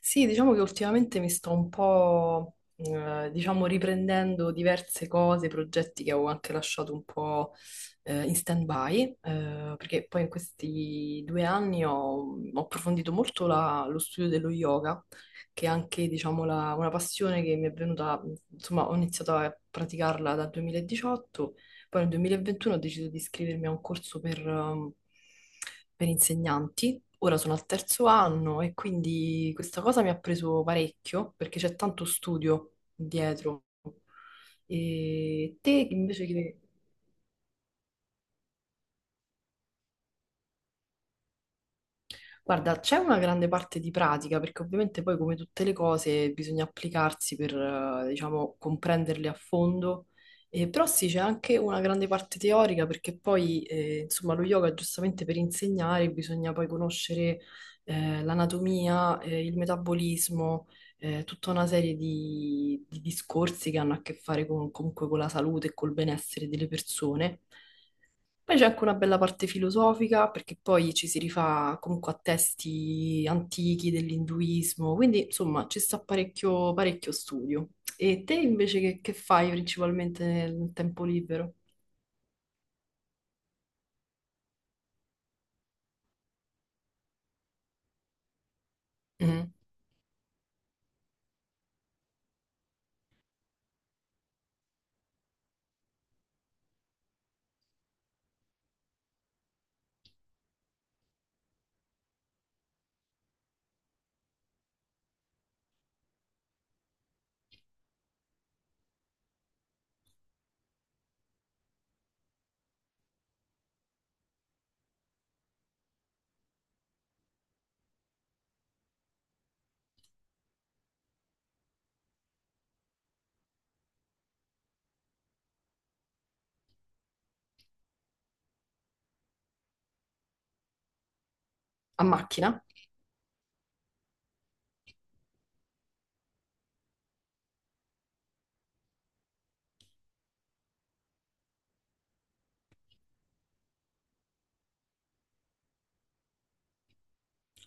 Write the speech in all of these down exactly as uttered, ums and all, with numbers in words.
Sì, diciamo che ultimamente mi sto un po', eh, diciamo, riprendendo diverse cose, progetti che avevo anche lasciato un po', eh, in stand-by, eh, perché poi in questi due anni ho, ho approfondito molto la- lo studio dello yoga, che è anche, diciamo, la- una passione che mi è venuta, insomma, ho iniziato a praticarla dal duemiladiciotto. Poi nel duemilaventuno ho deciso di iscrivermi a un corso per, ehm, per insegnanti. Ora sono al terzo anno e quindi questa cosa mi ha preso parecchio perché c'è tanto studio dietro. E te invece che. Guarda, c'è una grande parte di pratica, perché ovviamente poi come tutte le cose bisogna applicarsi per, eh, diciamo, comprenderle a fondo. Eh, però sì, c'è anche una grande parte teorica, perché poi, eh, insomma, lo yoga giustamente per insegnare bisogna poi conoscere, eh, l'anatomia, eh, il metabolismo, eh, tutta una serie di, di discorsi che hanno a che fare con- comunque con la salute e col benessere delle persone. Poi c'è anche una bella parte filosofica, perché poi ci si rifà comunque a testi antichi dell'induismo, quindi insomma ci sta parecchio, parecchio studio. E te invece che, che fai principalmente nel tempo libero? Mhm. A macchina?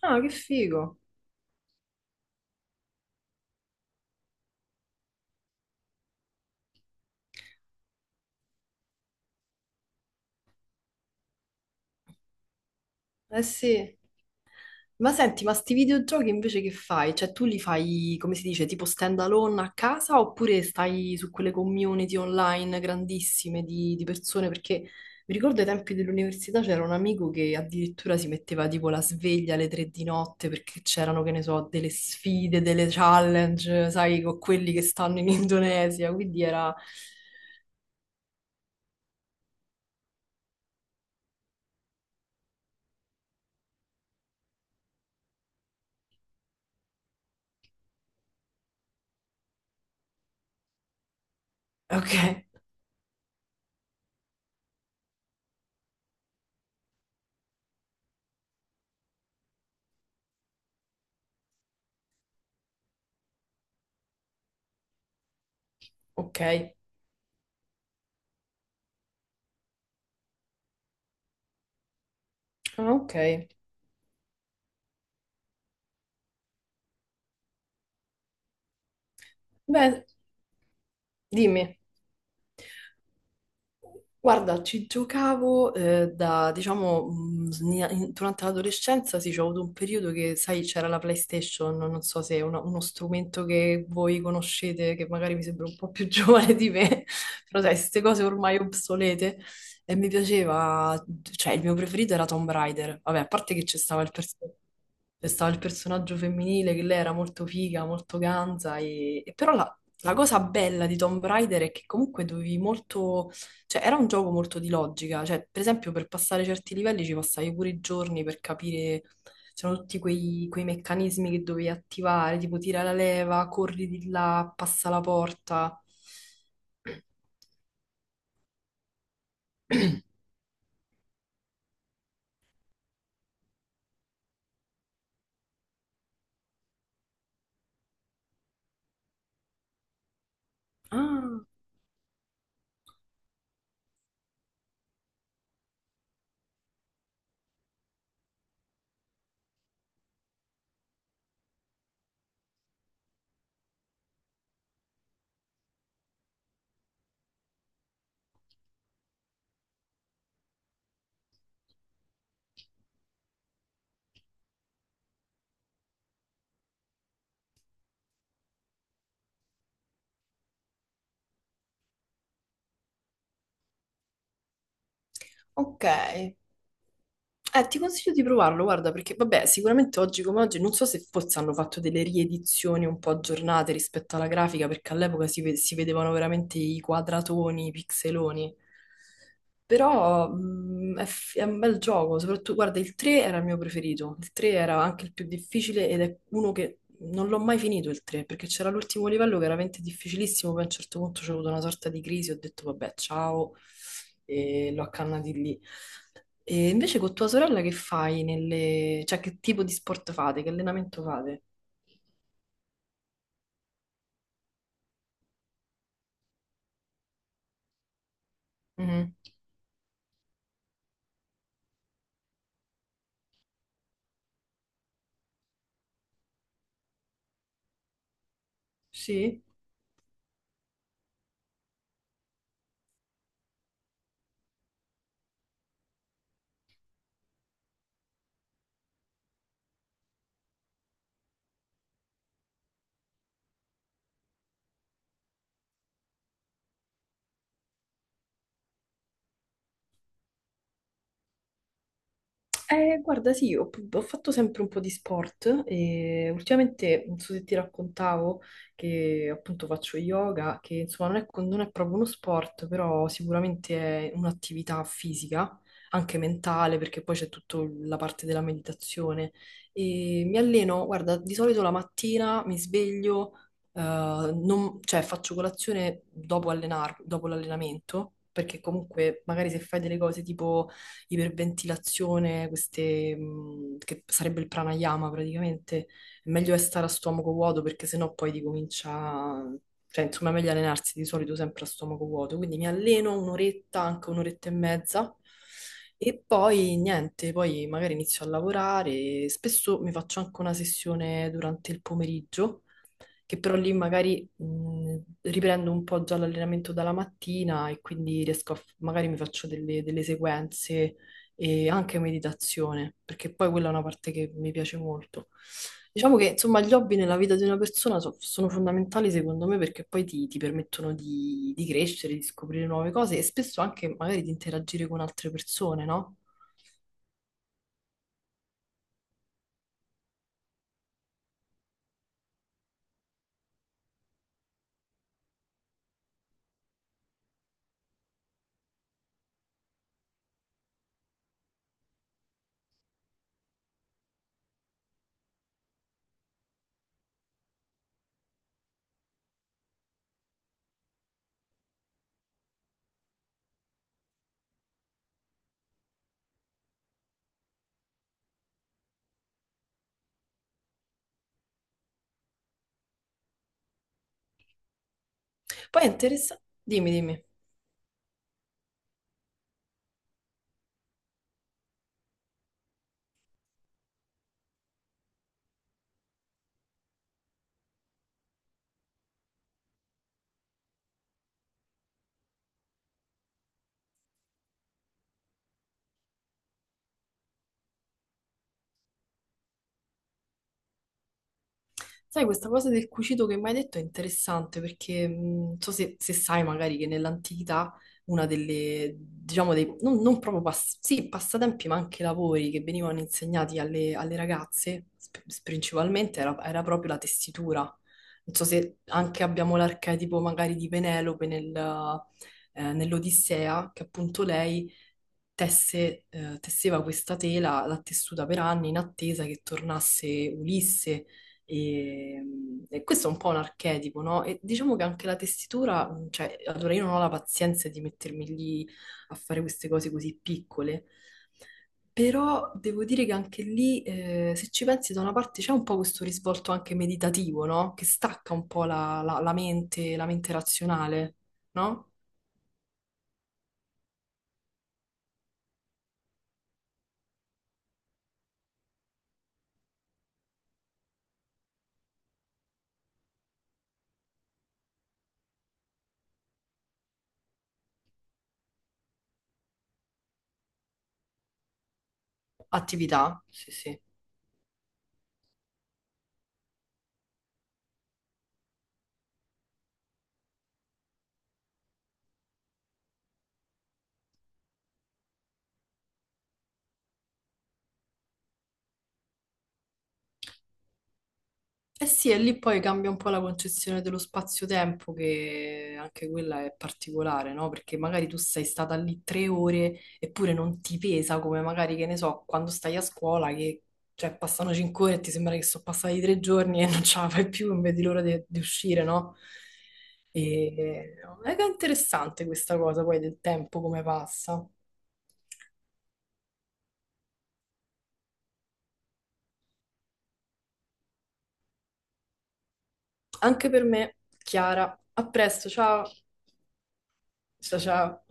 Ah, che figo! Eh sì. Ma senti, ma sti videogiochi invece che fai? Cioè tu li fai, come si dice, tipo stand alone a casa oppure stai su quelle community online grandissime di, di persone? Perché mi ricordo ai tempi dell'università c'era un amico che addirittura si metteva tipo la sveglia alle tre di notte perché c'erano, che ne so, delle sfide, delle challenge, sai, con quelli che stanno in Indonesia, quindi era. Ok, ok, ah, ok. Beh, dimmi. Guarda, ci giocavo eh, da, diciamo, mh, sni- in- durante l'adolescenza sì, c'è avuto un periodo che, sai, c'era la PlayStation, non non so se è una- uno strumento che voi conoscete, che magari mi sembra un po' più giovane di me, però sai, queste cose ormai obsolete, e mi piaceva, cioè il mio preferito era Tomb Raider, vabbè, a parte che c'è stava il pers- c'è stava il personaggio femminile, che lei era molto figa, molto ganza, e, e però la, la cosa bella di Tomb Raider è che comunque dovevi molto, cioè, era un gioco molto di logica, cioè, per esempio, per passare certi livelli ci passavi pure i giorni per capire, c'erano tutti quei, quei meccanismi che dovevi attivare, tipo tira la leva, corri di là, passa la porta. Ah, ok. Eh, ti consiglio di provarlo, guarda, perché vabbè, sicuramente oggi come oggi, non so se forse hanno fatto delle riedizioni un po' aggiornate rispetto alla grafica, perché all'epoca si, ve- si vedevano veramente i quadratoni, i pixeloni. Però mh, è, f- è un bel gioco, soprattutto, guarda, il tre era il mio preferito, il tre era anche il più difficile ed è uno che non l'ho mai finito il tre, perché c'era l'ultimo livello che era veramente difficilissimo, poi a un certo punto c'è avuto una sorta di crisi, ho detto vabbè, ciao, e l'ho accannati lì. E invece con tua sorella che fai nelle. Cioè che tipo di sport fate, che allenamento fate? Mhm. Sì? Eh, guarda, sì, ho, ho fatto sempre un po' di sport e ultimamente, non so se ti raccontavo, che appunto faccio yoga, che insomma non è, co- non è proprio uno sport, però sicuramente è un'attività fisica, anche mentale, perché poi c'è tutta la parte della meditazione. E mi alleno, guarda, di solito la mattina mi sveglio, eh, non- cioè faccio colazione dopo allenar- dopo l'allenamento, perché comunque magari se fai delle cose tipo iperventilazione, queste, mh, che sarebbe il pranayama praticamente, è meglio è stare a stomaco vuoto perché sennò poi ti comincia, cioè insomma è meglio allenarsi di solito sempre a stomaco vuoto, quindi mi alleno un'oretta, anche un'oretta e mezza. E poi niente, poi magari inizio a lavorare, spesso mi faccio anche una sessione durante il pomeriggio, che però lì magari mh, riprendo un po' già l'allenamento dalla mattina e quindi riesco a, f- magari mi faccio delle, delle sequenze e anche meditazione, perché poi quella è una parte che mi piace molto. Diciamo che insomma gli hobby nella vita di una persona so- sono fondamentali secondo me perché poi ti, ti permettono di, di crescere, di scoprire nuove cose e spesso anche magari di interagire con altre persone, no? Poi è interessante. Dimmi, dimmi. Sai, questa cosa del cucito che mi hai detto è interessante perché mh, non so se, se sai magari che nell'antichità una delle, diciamo, dei, non, non proprio pass- sì, passatempi, ma anche lavori che venivano insegnati alle, alle ragazze, sp- principalmente, era, era proprio la tessitura. Non so se anche abbiamo l'archetipo magari di Penelope nel, eh, nell'Odissea, che appunto lei tesse, eh, tesseva questa tela, l'ha tessuta per anni in attesa che tornasse Ulisse e, mm, e questo è un po' un archetipo, no? E diciamo che anche la tessitura, mm, cioè, allora io non ho la pazienza di mettermi lì a fare queste cose così piccole, però devo dire che anche lì, eh, se ci pensi, da una parte c'è un po' questo risvolto anche meditativo, no? Che stacca un po' la, la- la mente, la mente, razionale, no? Attività, sì, sì. Eh sì, e lì poi cambia un po' la concezione dello spazio-tempo, che anche quella è particolare, no? Perché magari tu sei stata lì tre ore eppure non ti pesa come magari, che ne so, quando stai a scuola che, cioè, passano cinque ore e ti sembra che sono passati tre giorni e non ce la fai più, non vedi l'ora di, di uscire, no? E è che è interessante questa cosa poi del tempo, come passa. Anche per me, Chiara, a presto, ciao, ciao ciao.